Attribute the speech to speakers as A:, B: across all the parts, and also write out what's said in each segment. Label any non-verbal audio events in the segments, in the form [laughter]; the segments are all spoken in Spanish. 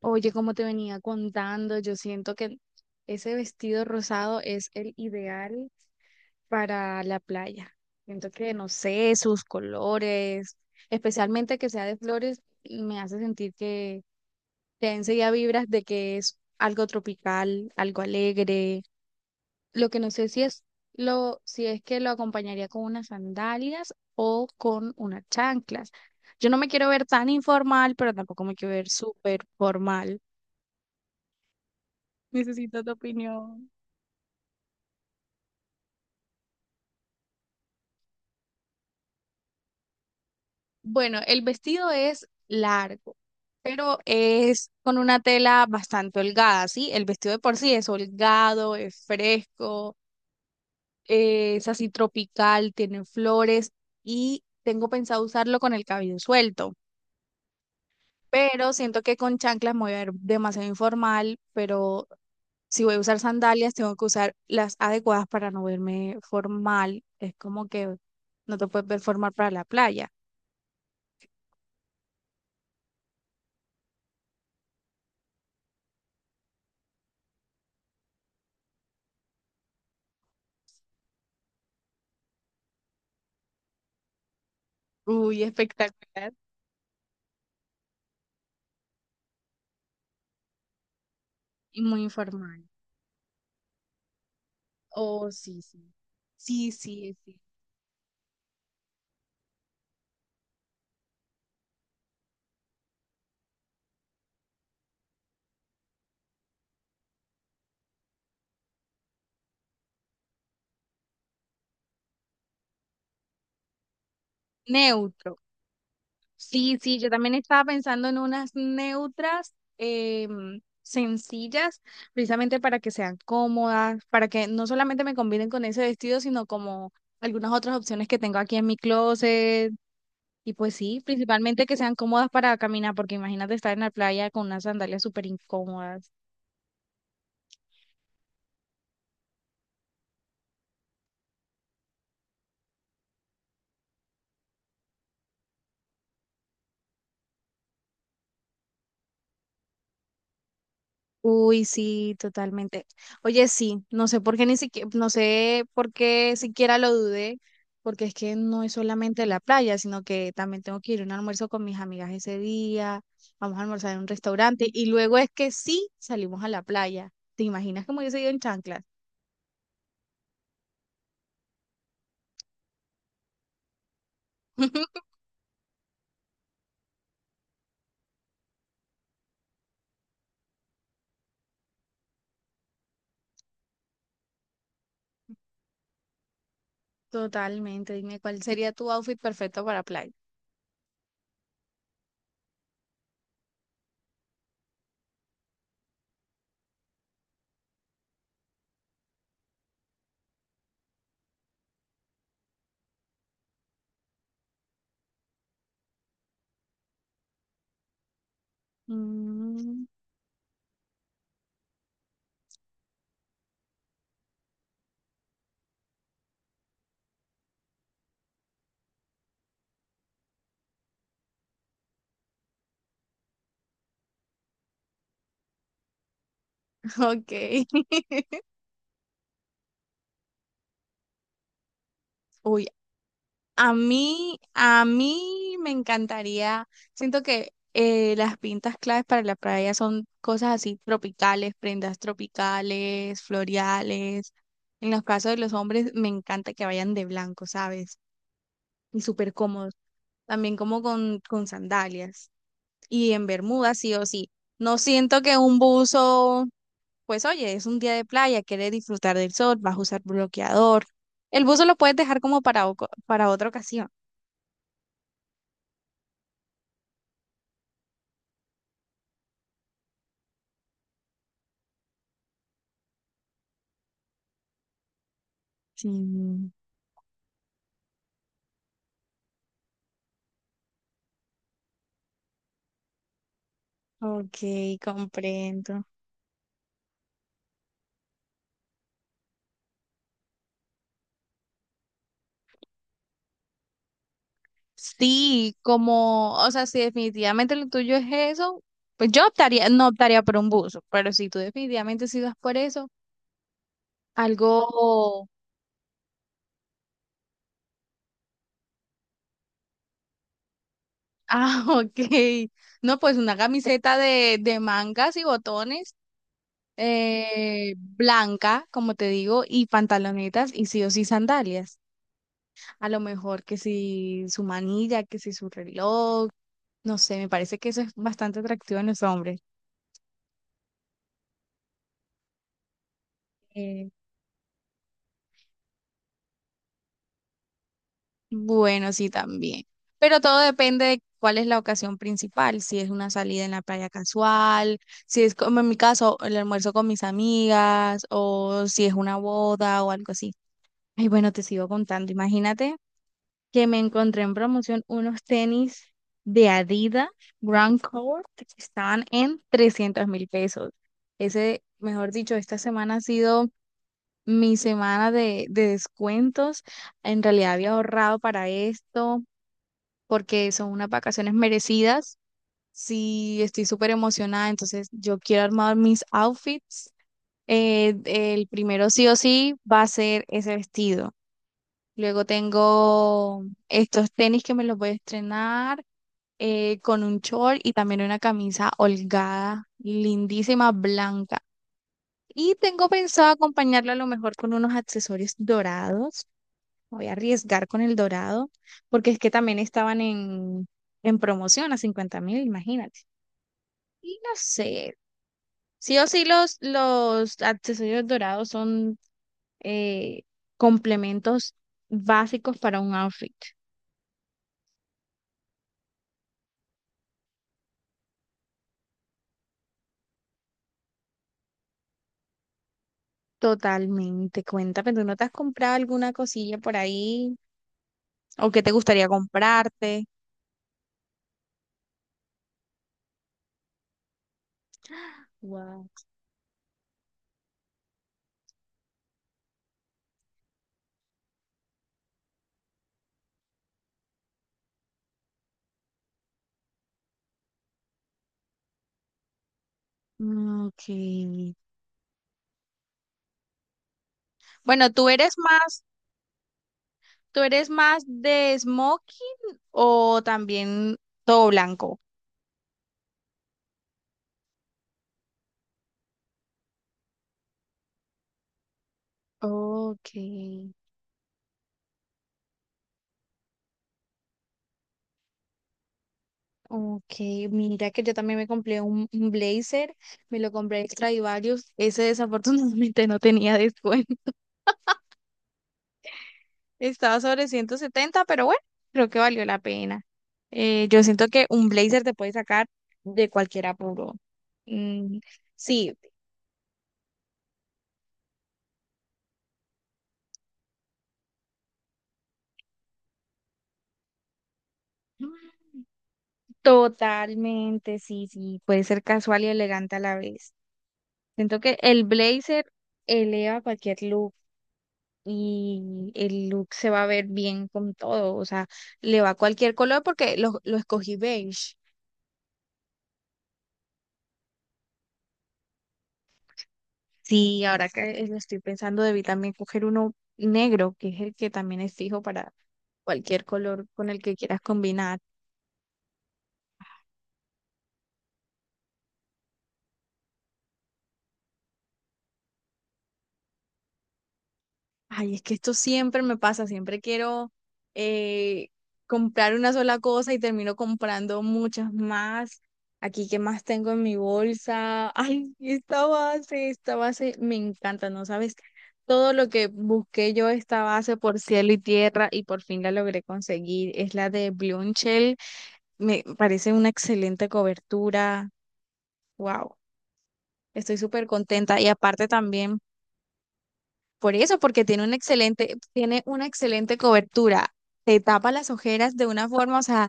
A: Oye, como te venía contando, yo siento que ese vestido rosado es el ideal para la playa. Siento que, no sé, sus colores, especialmente que sea de flores, me hace sentir que te enseguida vibras de que es algo tropical, algo alegre. Lo que no sé si es lo, si es que lo acompañaría con unas sandalias o con unas chanclas. Yo no me quiero ver tan informal, pero tampoco me quiero ver súper formal. Necesito tu opinión. Bueno, el vestido es largo, pero es con una tela bastante holgada, ¿sí? El vestido de por sí es holgado, es fresco, es así tropical, tiene flores y tengo pensado usarlo con el cabello suelto, pero siento que con chanclas me voy a ver demasiado informal, pero si voy a usar sandalias, tengo que usar las adecuadas para no verme formal. Es como que no te puedes ver formal para la playa. Uy, espectacular. Y muy informal. Oh, sí, sí. Sí, sí, sí. Neutro. Sí, sí, yo también estaba pensando en unas neutras sencillas, precisamente para que sean cómodas, para que no solamente me combinen con ese vestido, sino como algunas otras opciones que tengo aquí en mi closet. Y pues sí, principalmente que sean cómodas para caminar, porque imagínate estar en la playa con unas sandalias súper incómodas. Uy, sí, totalmente. Oye, sí, no sé por qué ni siquiera, no sé por qué siquiera lo dudé, porque es que no es solamente la playa, sino que también tengo que ir a un almuerzo con mis amigas ese día, vamos a almorzar en un restaurante y luego es que sí salimos a la playa. ¿Te imaginas que me hubiese ido en chanclas? [laughs] Totalmente, dime cuál sería tu outfit perfecto para playa. Mm, [laughs] ok. [laughs] Uy, a mí, a mí me encantaría, siento que las pintas claves para la playa son cosas así tropicales, prendas tropicales, floreales. En los casos de los hombres, me encanta que vayan de blanco, ¿sabes? Y súper cómodos. También como con sandalias. Y en Bermuda, sí o sí. No siento que un buzo, pues oye, es un día de playa, quieres disfrutar del sol, vas a usar bloqueador. El buzo lo puedes dejar como para, para otra ocasión. Sí. Ok, comprendo. Sí, como, o sea, si definitivamente lo tuyo es eso, pues yo optaría, no optaría por un buzo, pero si tú definitivamente sí vas por eso, algo, ah, [laughs] ok, no, pues una camiseta de mangas y botones, blanca, como te digo, y pantalonetas y sí o sí sandalias. A lo mejor que si su manilla, que si su reloj, no sé, me parece que eso es bastante atractivo en los hombres. Bueno, sí, también. Pero todo depende de cuál es la ocasión principal, si es una salida en la playa casual, si es como en mi caso, el almuerzo con mis amigas, o si es una boda o algo así. Y bueno, te sigo contando. Imagínate que me encontré en promoción unos tenis de Adidas Grand Court que estaban en 300.000 pesos. Ese, mejor dicho, esta semana ha sido mi semana de descuentos. En realidad había ahorrado para esto porque son unas vacaciones merecidas. Sí, estoy súper emocionada, entonces yo quiero armar mis outfits. El primero sí o sí va a ser ese vestido. Luego tengo estos tenis que me los voy a estrenar con un short y también una camisa holgada, lindísima, blanca. Y tengo pensado acompañarlo a lo mejor con unos accesorios dorados. Voy a arriesgar con el dorado, porque es que también estaban en promoción a 50.000, imagínate. Y no sé, sí o sí los accesorios dorados son eh, complementos básicos para un outfit. Totalmente, cuéntame, ¿tú no te has comprado alguna cosilla por ahí? ¿O qué te gustaría comprarte? Wow. Ok. Bueno, ¿tú eres más de smoking o también todo blanco? Ok, ok. Mira que yo también me compré un blazer, me lo compré extra y varios. Ese desafortunadamente [laughs] no tenía descuento. [laughs] Estaba sobre 170, pero bueno, creo que valió la pena. Yo siento que un blazer te puede sacar de cualquier apuro. Mm, sí, mm, totalmente, sí, sí. Puede ser casual y elegante a la vez. Siento que el blazer eleva cualquier look y el look se va a ver bien con todo, o sea, le va cualquier color porque lo escogí beige. Sí, ahora que lo estoy pensando, debí también coger uno negro, que es el que también es fijo para cualquier color con el que quieras combinar. Ay, es que esto siempre me pasa, siempre quiero eh, comprar una sola cosa y termino comprando muchas más. Aquí, ¿qué más tengo en mi bolsa? Ay, esta base me encanta, ¿no sabes? Todo lo que busqué yo esta base por cielo y tierra y por fin la logré conseguir. Es la de Blumshell, me parece una excelente cobertura. Wow, estoy súper contenta y aparte también. Por eso, porque tiene una excelente cobertura. Te tapa las ojeras de una forma, o sea,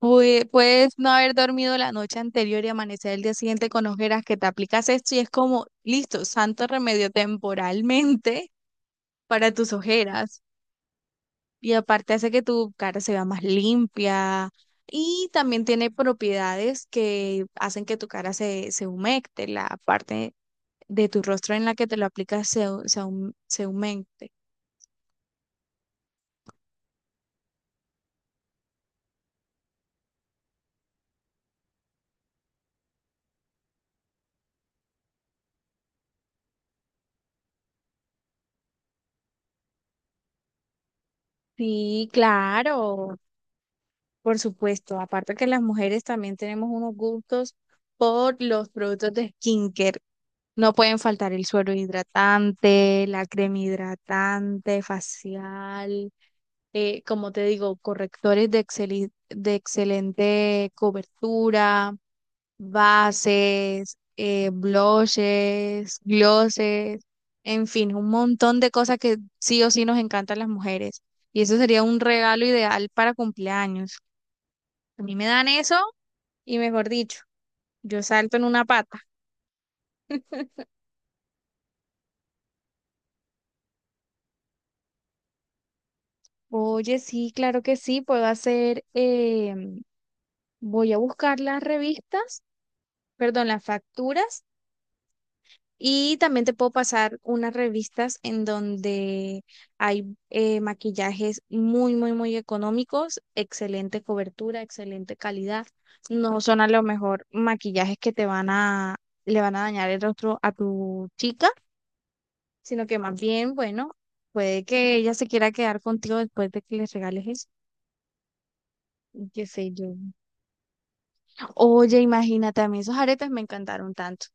A: puedes no haber dormido la noche anterior y amanecer el día siguiente con ojeras, que te aplicas esto y es como, listo, santo remedio temporalmente [laughs] para tus ojeras. Y aparte hace que tu cara se vea más limpia y también tiene propiedades que hacen que tu cara se, se humecte, la parte de tu rostro en la que te lo aplicas se, se humecte. Sí, claro, por supuesto. Aparte que las mujeres también tenemos unos gustos por los productos de skincare. No pueden faltar el suero hidratante, la crema hidratante, facial, como te digo, correctores de, de excelente cobertura bases, blushes, glosses, en fin, un montón de cosas que sí o sí nos encantan las mujeres. Y eso sería un regalo ideal para cumpleaños. A mí me dan eso y mejor dicho, yo salto en una pata. Oye, sí, claro que sí, puedo hacer, voy a buscar las revistas, perdón, las facturas. Y también te puedo pasar unas revistas en donde hay maquillajes muy, muy, muy económicos, excelente cobertura, excelente calidad. No son a lo mejor maquillajes que te van a, le van a dañar el rostro a tu chica, sino que más bien, bueno, puede que ella se quiera quedar contigo después de que les regales eso. Qué sé yo. Oye, imagínate, a mí esos aretes me encantaron tanto.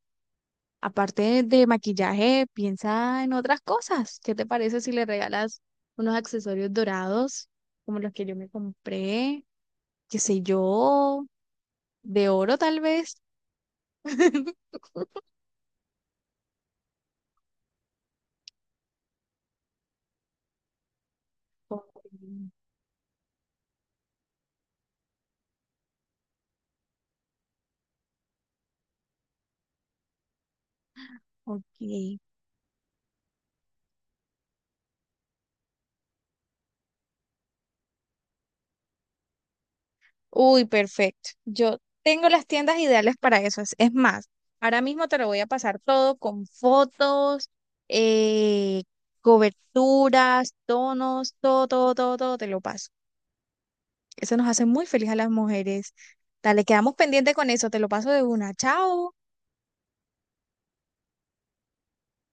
A: Aparte de maquillaje, piensa en otras cosas. ¿Qué te parece si le regalas unos accesorios dorados, como los que yo me compré? ¿Qué sé yo? De oro, tal vez. [laughs] Ok. Uy, perfecto. Yo tengo las tiendas ideales para eso. Es más, ahora mismo te lo voy a pasar todo con fotos, eh, coberturas, tonos, todo, todo, todo, todo, te lo paso. Eso nos hace muy feliz a las mujeres. Dale, quedamos pendientes con eso. Te lo paso de una. Chao.